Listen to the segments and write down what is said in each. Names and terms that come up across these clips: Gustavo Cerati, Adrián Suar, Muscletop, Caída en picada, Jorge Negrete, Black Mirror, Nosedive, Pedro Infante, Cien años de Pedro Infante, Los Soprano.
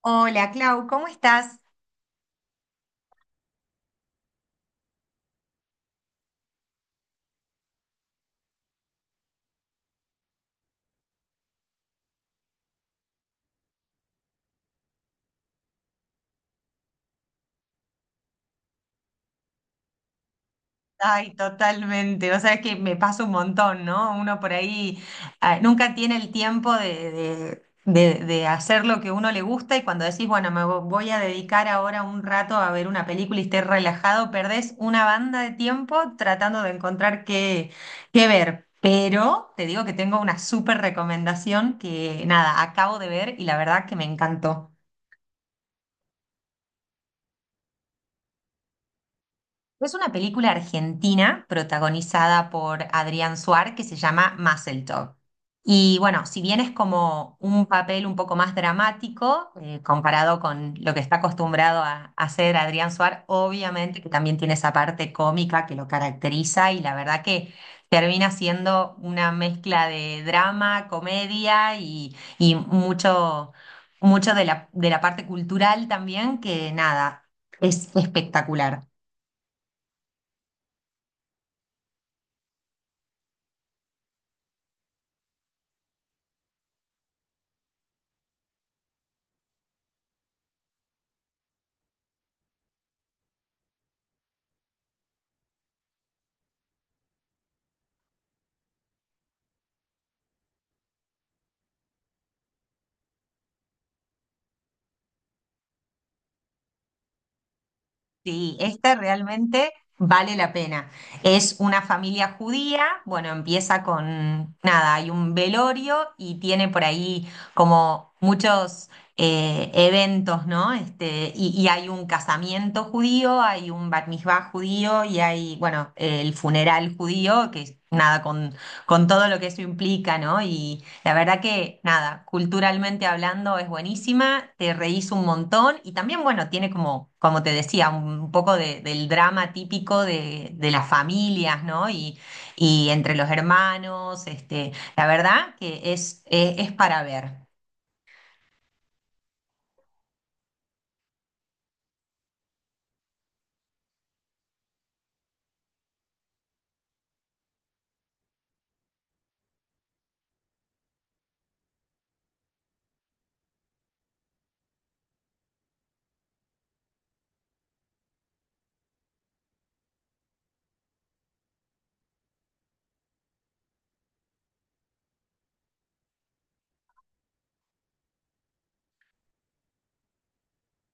Hola, Clau, ¿cómo estás? Ay, totalmente. O sea, es que me pasa un montón, ¿no? Uno por ahí nunca tiene el tiempo de hacer lo que uno le gusta y cuando decís, bueno, voy a dedicar ahora un rato a ver una película y esté relajado, perdés una banda de tiempo tratando de encontrar qué ver. Pero te digo que tengo una súper recomendación que, nada, acabo de ver y la verdad que me encantó. Es una película argentina protagonizada por Adrián Suar que se llama Muscletop. Y bueno, si bien es como un papel un poco más dramático comparado con lo que está acostumbrado a hacer Adrián Suar, obviamente que también tiene esa parte cómica que lo caracteriza y la verdad que termina siendo una mezcla de drama, comedia y mucho de de la parte cultural también, que nada, es espectacular. Sí, esta realmente vale la pena. Es una familia judía, bueno, empieza con nada, hay un velorio y tiene por ahí como muchos eventos, ¿no? Este, y hay un casamiento judío, hay un bar mitzvah judío y hay, bueno, el funeral judío, que es nada con todo lo que eso implica, ¿no? La verdad que nada, culturalmente hablando es buenísima, te reís un montón y también, bueno, tiene como, como te decía, un poco del drama típico de las familias, ¿no? Y entre los hermanos, este, la verdad que es para ver.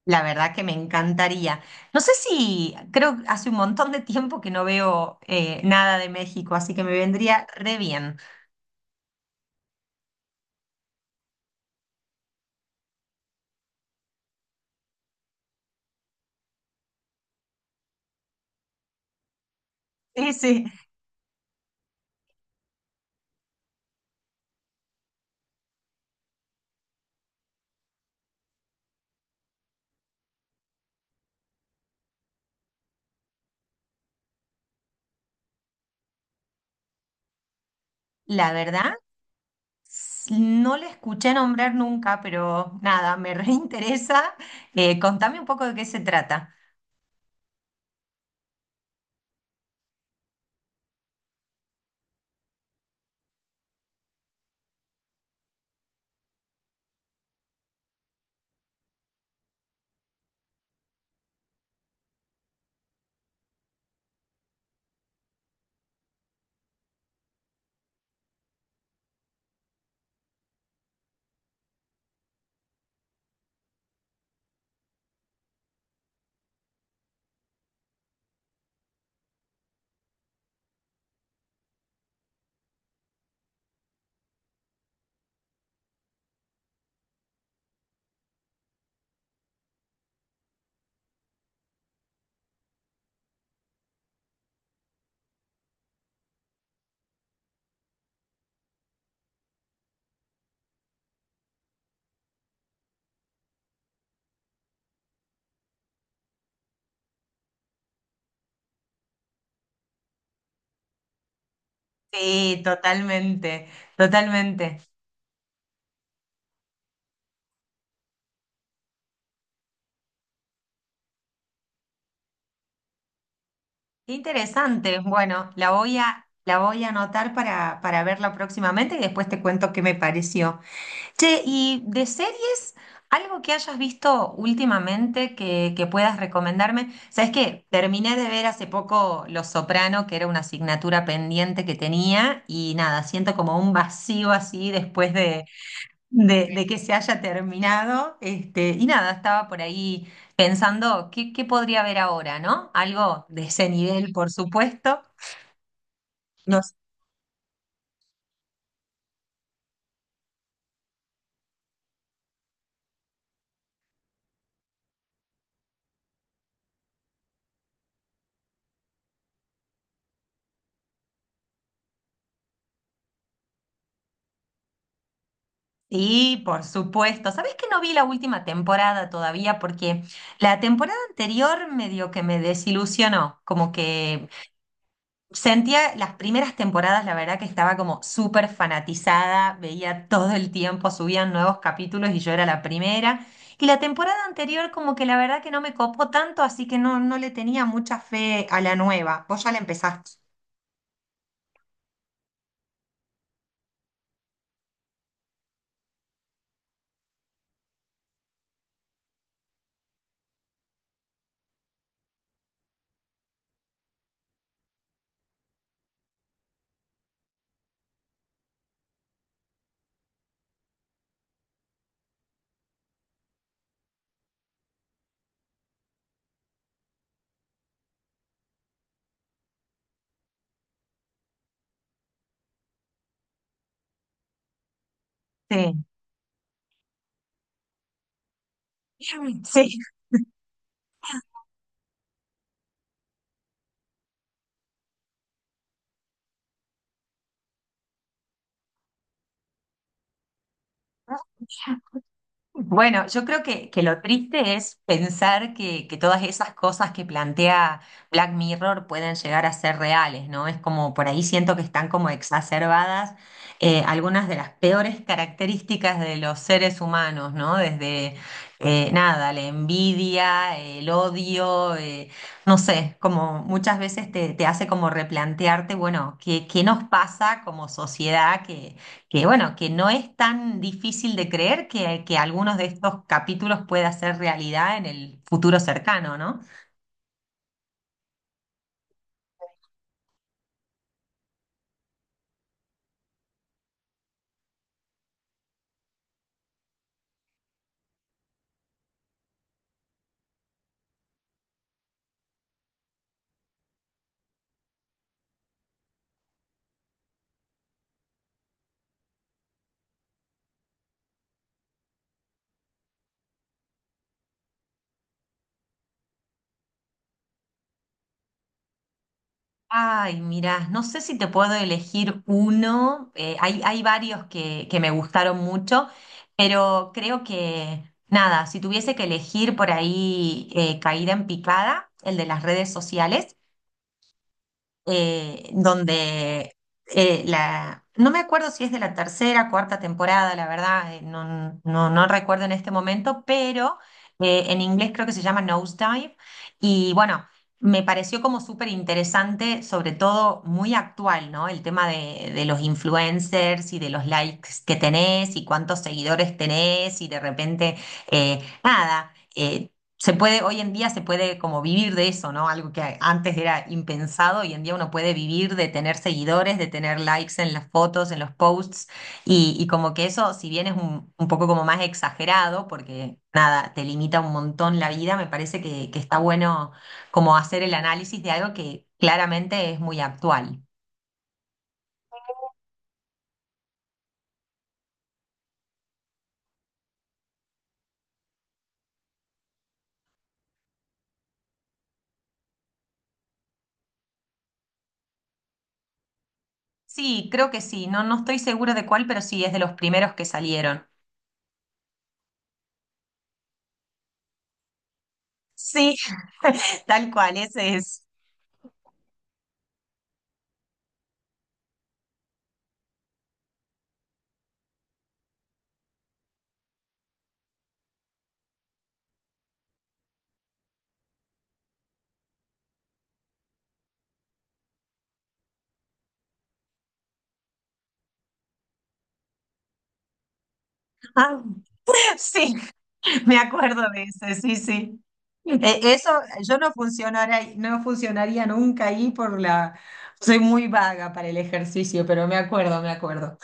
La verdad que me encantaría. No sé si, creo que hace un montón de tiempo que no veo nada de México, así que me vendría re bien. Sí, sí. La verdad. No le escuché nombrar nunca, pero nada, me reinteresa. Contame un poco de qué se trata. Sí, totalmente, totalmente. Qué interesante. Bueno, la voy la voy a anotar para verla próximamente y después te cuento qué me pareció. Che, y de series, algo que hayas visto últimamente que puedas recomendarme. ¿Sabes qué? Terminé de ver hace poco Los Soprano, que era una asignatura pendiente que tenía, y nada, siento como un vacío así después de que se haya terminado. Este, y nada, estaba por ahí pensando qué podría ver ahora, ¿no? Algo de ese nivel, por supuesto. No. Sí, por supuesto. ¿Sabes que no vi la última temporada todavía? Porque la temporada anterior medio que me desilusionó, como que sentía las primeras temporadas, la verdad que estaba como súper fanatizada, veía todo el tiempo, subían nuevos capítulos y yo era la primera. Y la temporada anterior como que la verdad que no me copó tanto, así que no, no le tenía mucha fe a la nueva. Vos ya la empezaste. Sí. Sí. Bueno, yo creo que lo triste es pensar que todas esas cosas que plantea Black Mirror pueden llegar a ser reales, ¿no? Es como por ahí siento que están como exacerbadas algunas de las peores características de los seres humanos, ¿no? Desde nada, la envidia, el odio, no sé, como muchas veces te hace como replantearte, bueno, ¿ qué nos pasa como sociedad que bueno, que no es tan difícil de creer que algunos de estos capítulos pueda ser realidad en el futuro cercano, ¿no? Ay, mira, no sé si te puedo elegir uno. Hay, hay varios que me gustaron mucho, pero creo que, nada, si tuviese que elegir por ahí Caída en picada, el de las redes sociales, donde la, no me acuerdo si es de la tercera, cuarta temporada, la verdad, no, no, no recuerdo en este momento, pero en inglés creo que se llama Nosedive. Y bueno, me pareció como súper interesante, sobre todo muy actual, ¿no? El tema de los influencers y de los likes que tenés y cuántos seguidores tenés y de repente, nada. Se puede, hoy en día se puede como vivir de eso, ¿no? Algo que antes era impensado, hoy en día uno puede vivir de tener seguidores, de tener likes en las fotos, en los posts, y como que eso, si bien es un poco como más exagerado, porque nada, te limita un montón la vida, me parece que está bueno como hacer el análisis de algo que claramente es muy actual. Sí, creo que sí, no, no estoy segura de cuál, pero sí, es de los primeros que salieron. Sí, tal cual, ese es. sí. Me acuerdo de eso, sí, sí. Eso yo no funcionaría, no funcionaría nunca ahí por la... Soy muy vaga para el ejercicio, pero me acuerdo, me acuerdo.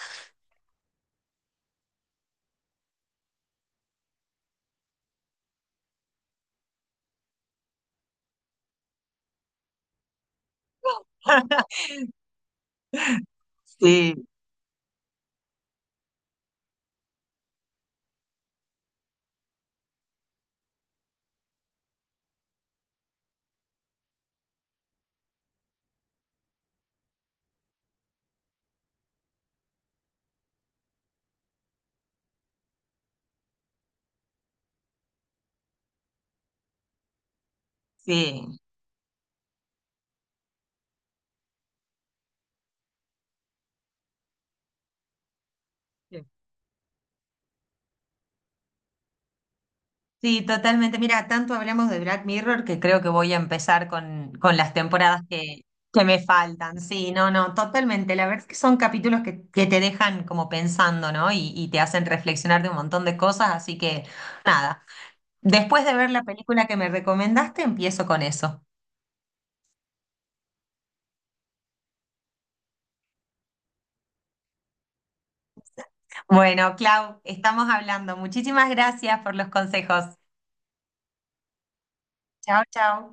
Sí, sí. Sí. Sí, totalmente. Mira, tanto hablamos de Black Mirror que creo que voy a empezar con las temporadas que me faltan. Sí, no, no, totalmente. La verdad es que son capítulos que te dejan como pensando, ¿no? Y te hacen reflexionar de un montón de cosas, así que nada. Después de ver la película que me recomendaste, empiezo con eso. Bueno, Clau, estamos hablando. Muchísimas gracias por los consejos. Chao, chao.